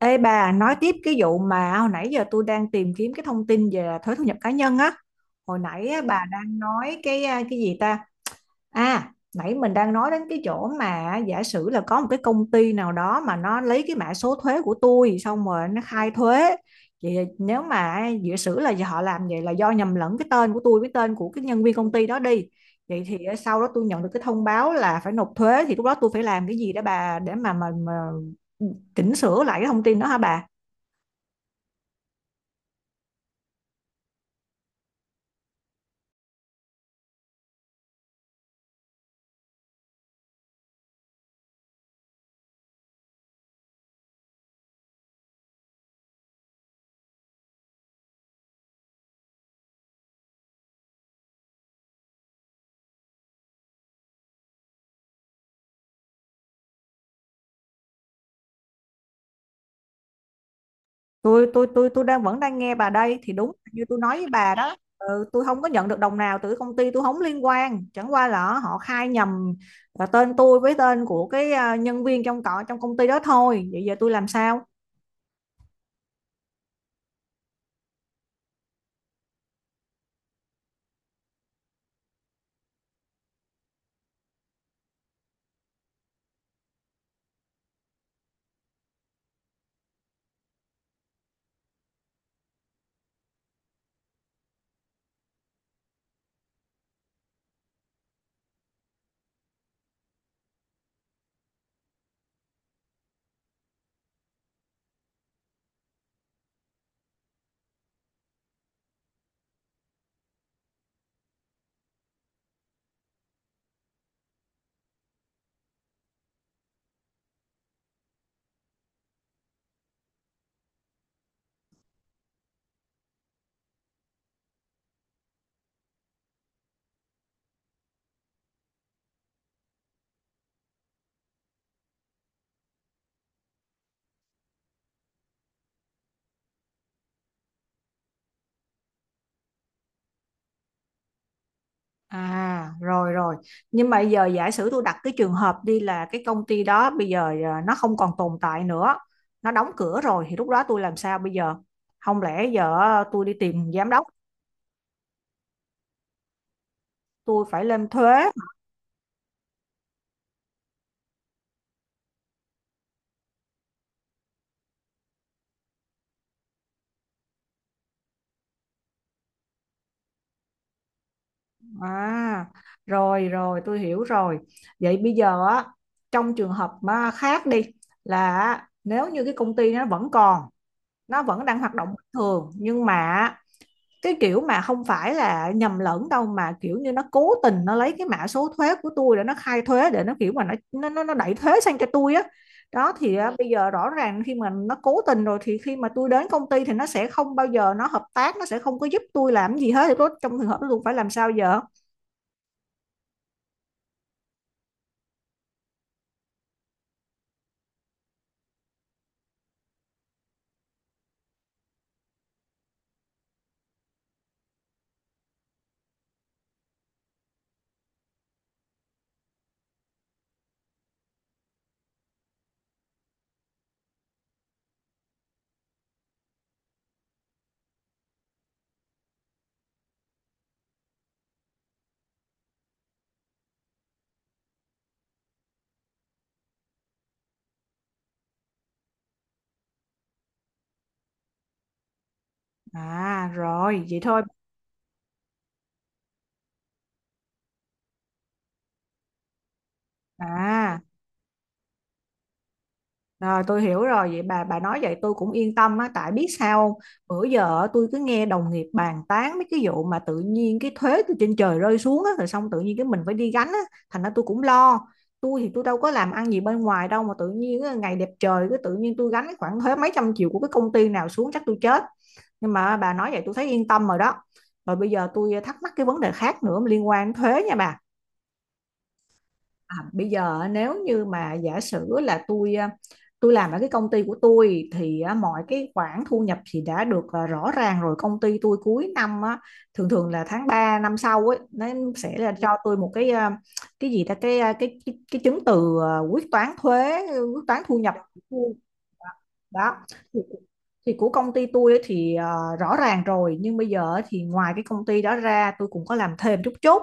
Ê bà, nói tiếp cái vụ mà hồi nãy giờ tôi đang tìm kiếm cái thông tin về thuế thu nhập cá nhân á. Hồi nãy á, bà đang nói cái gì ta? À, nãy mình đang nói đến cái chỗ mà giả sử là có một cái công ty nào đó mà nó lấy cái mã số thuế của tôi xong rồi nó khai thuế. Vậy nếu mà giả sử là họ làm vậy là do nhầm lẫn cái tên của tôi với tên của cái nhân viên công ty đó đi. Vậy thì sau đó tôi nhận được cái thông báo là phải nộp thuế thì lúc đó tôi phải làm cái gì để mà chỉnh sửa lại cái thông tin đó hả bà? Tôi vẫn đang nghe bà đây thì đúng như tôi nói với bà đó. Ừ, tôi không có nhận được đồng nào từ công ty, tôi không liên quan, chẳng qua là họ khai nhầm tên tôi với tên của cái nhân viên trong trong công ty đó thôi. Vậy giờ tôi làm sao? À, rồi rồi. Nhưng mà giờ giả sử tôi đặt cái trường hợp đi là cái công ty đó bây giờ nó không còn tồn tại nữa, nó đóng cửa rồi thì lúc đó tôi làm sao bây giờ? Không lẽ giờ tôi đi tìm giám đốc? Tôi phải lên thuế. À, rồi rồi tôi hiểu rồi. Vậy bây giờ á, trong trường hợp mà khác đi là á, nếu như cái công ty nó vẫn còn, nó vẫn đang hoạt động bình thường, nhưng mà cái kiểu mà không phải là nhầm lẫn đâu, mà kiểu như nó cố tình nó lấy cái mã số thuế của tôi để nó khai thuế, để nó kiểu mà nó đẩy thuế sang cho tôi á. Đó thì á, bây giờ rõ ràng khi mà nó cố tình rồi thì khi mà tôi đến công ty thì nó sẽ không bao giờ nó hợp tác, nó sẽ không có giúp tôi làm gì hết, thì tôi trong trường hợp đó tôi phải làm sao giờ? À rồi, vậy thôi. À, rồi tôi hiểu rồi. Vậy bà nói vậy tôi cũng yên tâm á, tại biết sao không? Bữa giờ á, tôi cứ nghe đồng nghiệp bàn tán mấy cái vụ mà tự nhiên cái thuế từ trên trời rơi xuống á, rồi xong tự nhiên cái mình phải đi gánh á, thành ra tôi cũng lo. Tôi thì tôi đâu có làm ăn gì bên ngoài đâu, mà tự nhiên á, ngày đẹp trời cứ tự nhiên tôi gánh cái khoản thuế mấy trăm triệu của cái công ty nào xuống chắc tôi chết. Nhưng mà bà nói vậy tôi thấy yên tâm rồi đó. Rồi bây giờ tôi thắc mắc cái vấn đề khác nữa liên quan đến thuế nha bà. À, bây giờ nếu như mà giả sử là tôi làm ở cái công ty của tôi thì à, mọi cái khoản thu nhập thì đã được rõ ràng rồi. Công ty tôi cuối năm á, thường thường là tháng 3 năm sau ấy nó sẽ là cho tôi một cái cái gì ta, cái chứng từ, quyết toán thuế, quyết toán thu nhập đó. thì, thì của công ty tôi ấy thì rõ ràng rồi. Nhưng bây giờ thì ngoài cái công ty đó ra tôi cũng có làm thêm chút chút,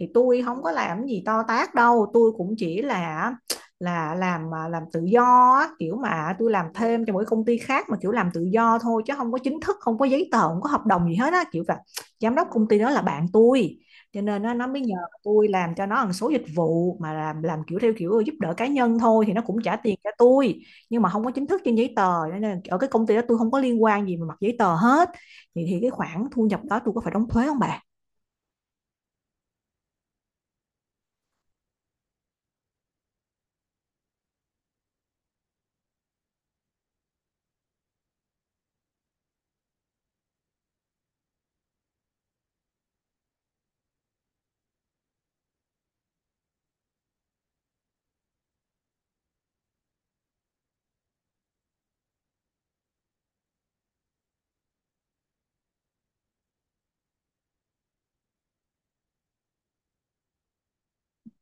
thì tôi không có làm gì to tát đâu, tôi cũng chỉ là làm tự do á, kiểu mà tôi làm thêm cho mỗi công ty khác mà kiểu làm tự do thôi, chứ không có chính thức, không có giấy tờ, không có hợp đồng gì hết á, kiểu là giám đốc công ty đó là bạn tôi, cho nên nó mới nhờ tôi làm cho nó một số dịch vụ, mà làm kiểu theo kiểu giúp đỡ cá nhân thôi, thì nó cũng trả tiền cho tôi, nhưng mà không có chính thức trên giấy tờ, cho nên ở cái công ty đó tôi không có liên quan gì mà mặt giấy tờ hết. Thì cái khoản thu nhập đó tôi có phải đóng thuế không bà?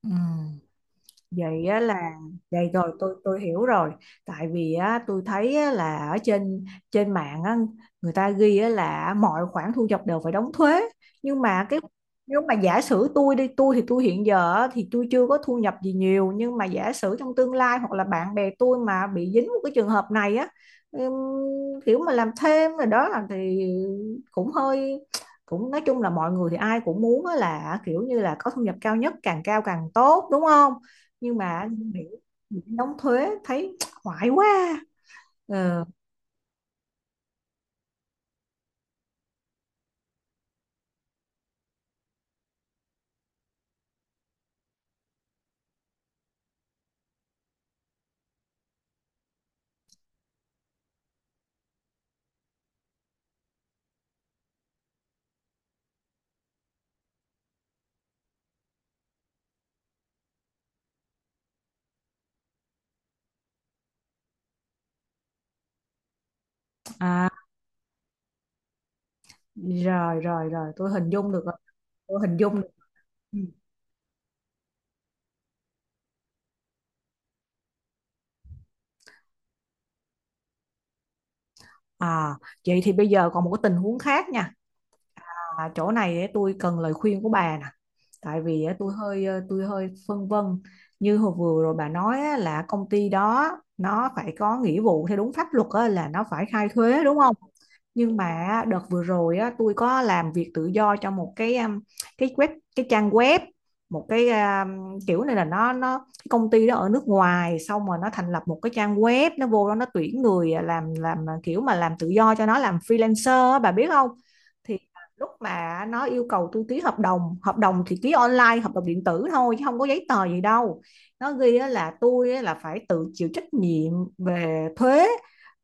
Ừ. Vậy á là vậy. Rồi tôi hiểu rồi. Tại vì á tôi thấy á, là ở trên trên mạng á, người ta ghi á, là mọi khoản thu nhập đều phải đóng thuế. Nhưng mà cái, nếu mà giả sử tôi hiện giờ á, thì tôi chưa có thu nhập gì nhiều, nhưng mà giả sử trong tương lai hoặc là bạn bè tôi mà bị dính một cái trường hợp này á, ừm, kiểu mà làm thêm rồi đó là thì, cũng hơi cũng nói chung là mọi người thì ai cũng muốn á là kiểu như là có thu nhập cao nhất, càng cao càng tốt, đúng không? Nhưng mà nghĩ đóng thuế thấy hoài quá. Ờ, à rồi rồi rồi tôi hình dung được rồi. Tôi hình dung được. Ừ. À, vậy thì bây giờ còn một cái tình huống khác nha. À, chỗ này ấy, tôi cần lời khuyên của bà nè. Tại vì á, tôi hơi phân vân. Như hồi vừa rồi bà nói á, là công ty đó nó phải có nghĩa vụ theo đúng pháp luật á, là nó phải khai thuế, đúng không? Nhưng mà đợt vừa rồi á, tôi có làm việc tự do cho một cái web, cái trang web, một cái kiểu này là nó cái công ty đó ở nước ngoài xong rồi nó thành lập một cái trang web, nó vô đó nó tuyển người làm kiểu mà làm tự do cho nó, làm freelancer á, bà biết không? Lúc mà nó yêu cầu tôi ký hợp đồng thì ký online, hợp đồng điện tử thôi chứ không có giấy tờ gì đâu. Nó ghi á là tôi á là phải tự chịu trách nhiệm về thuế,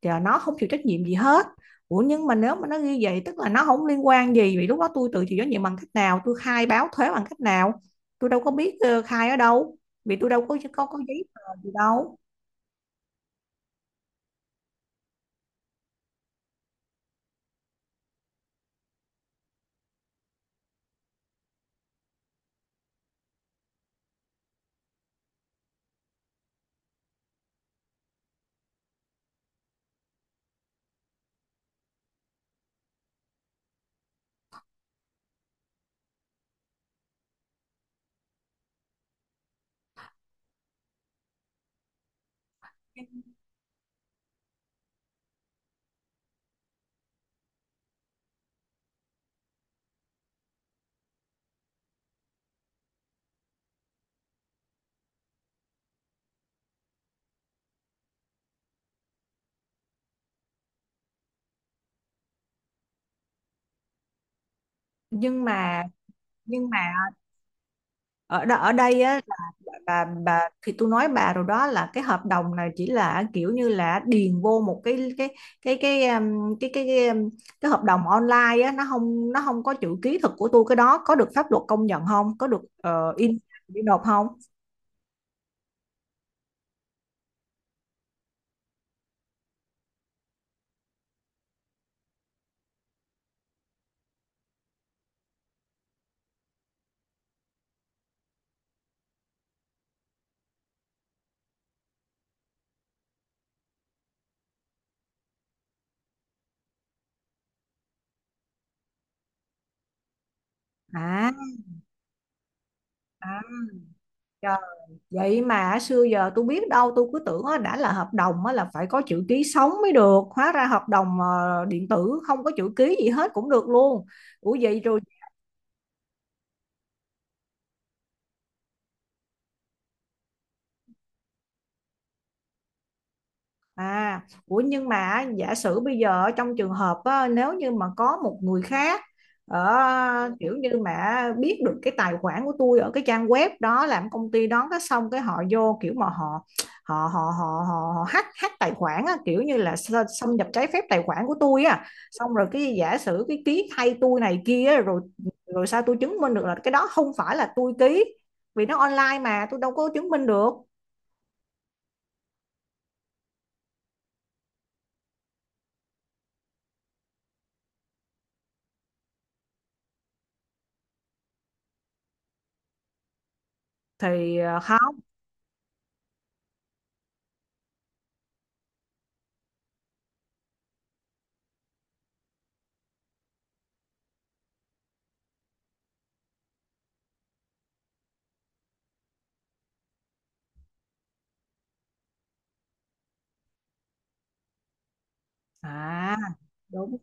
thì nó không chịu trách nhiệm gì hết. Ủa nhưng mà nếu mà nó ghi vậy tức là nó không liên quan gì, vì lúc đó tôi tự chịu trách nhiệm bằng cách nào, tôi khai báo thuế bằng cách nào? Tôi đâu có biết khai ở đâu, vì tôi đâu có giấy tờ gì đâu. nhưng mà nhưng mà ở đây á là, bà thì tôi nói bà rồi đó, là cái hợp đồng này chỉ là kiểu như là điền vô một cái cái um, cái cái cái, um, cái hợp đồng online á, nó không có chữ ký thực của tôi, cái đó có được pháp luật công nhận không, có được in để nộp không? à, À, trời, vậy mà xưa giờ tôi biết đâu, tôi cứ tưởng á, đã là hợp đồng á, là phải có chữ ký sống mới được, hóa ra hợp đồng điện tử không có chữ ký gì hết cũng được luôn. Ủa vậy rồi. À, ủa nhưng mà giả sử bây giờ ở trong trường hợp á, nếu như mà có một người khác ở kiểu như mà biết được cái tài khoản của tôi ở cái trang web đó, làm công ty đó, cái xong cái họ vô kiểu mà họ họ họ họ họ, họ hack hack tài khoản á, kiểu như là xâm nhập trái phép tài khoản của tôi á, xong rồi cái giả sử cái ký thay tôi này kia á, rồi rồi sao tôi chứng minh được là cái đó không phải là tôi ký, vì nó online mà tôi đâu có chứng minh được. Thì không. À đúng.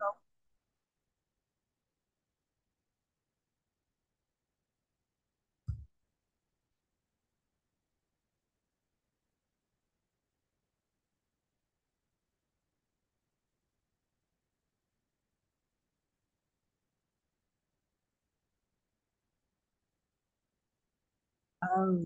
Ừ,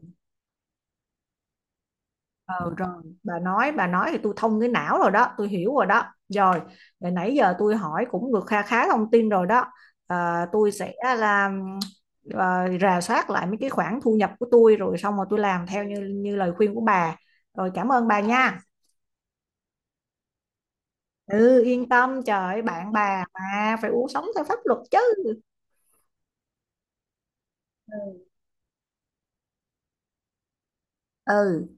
ừ, rồi bà nói thì tôi thông cái não rồi đó, tôi hiểu rồi đó. Rồi để nãy giờ tôi hỏi cũng được kha khá thông tin rồi đó. À, tôi sẽ làm, rà soát lại mấy cái khoản thu nhập của tôi rồi xong rồi tôi làm theo như như lời khuyên của bà. Rồi cảm ơn bà nha. Ừ, yên tâm trời ơi, bạn bà mà phải uống sống theo pháp luật chứ. Ừ. Ừ.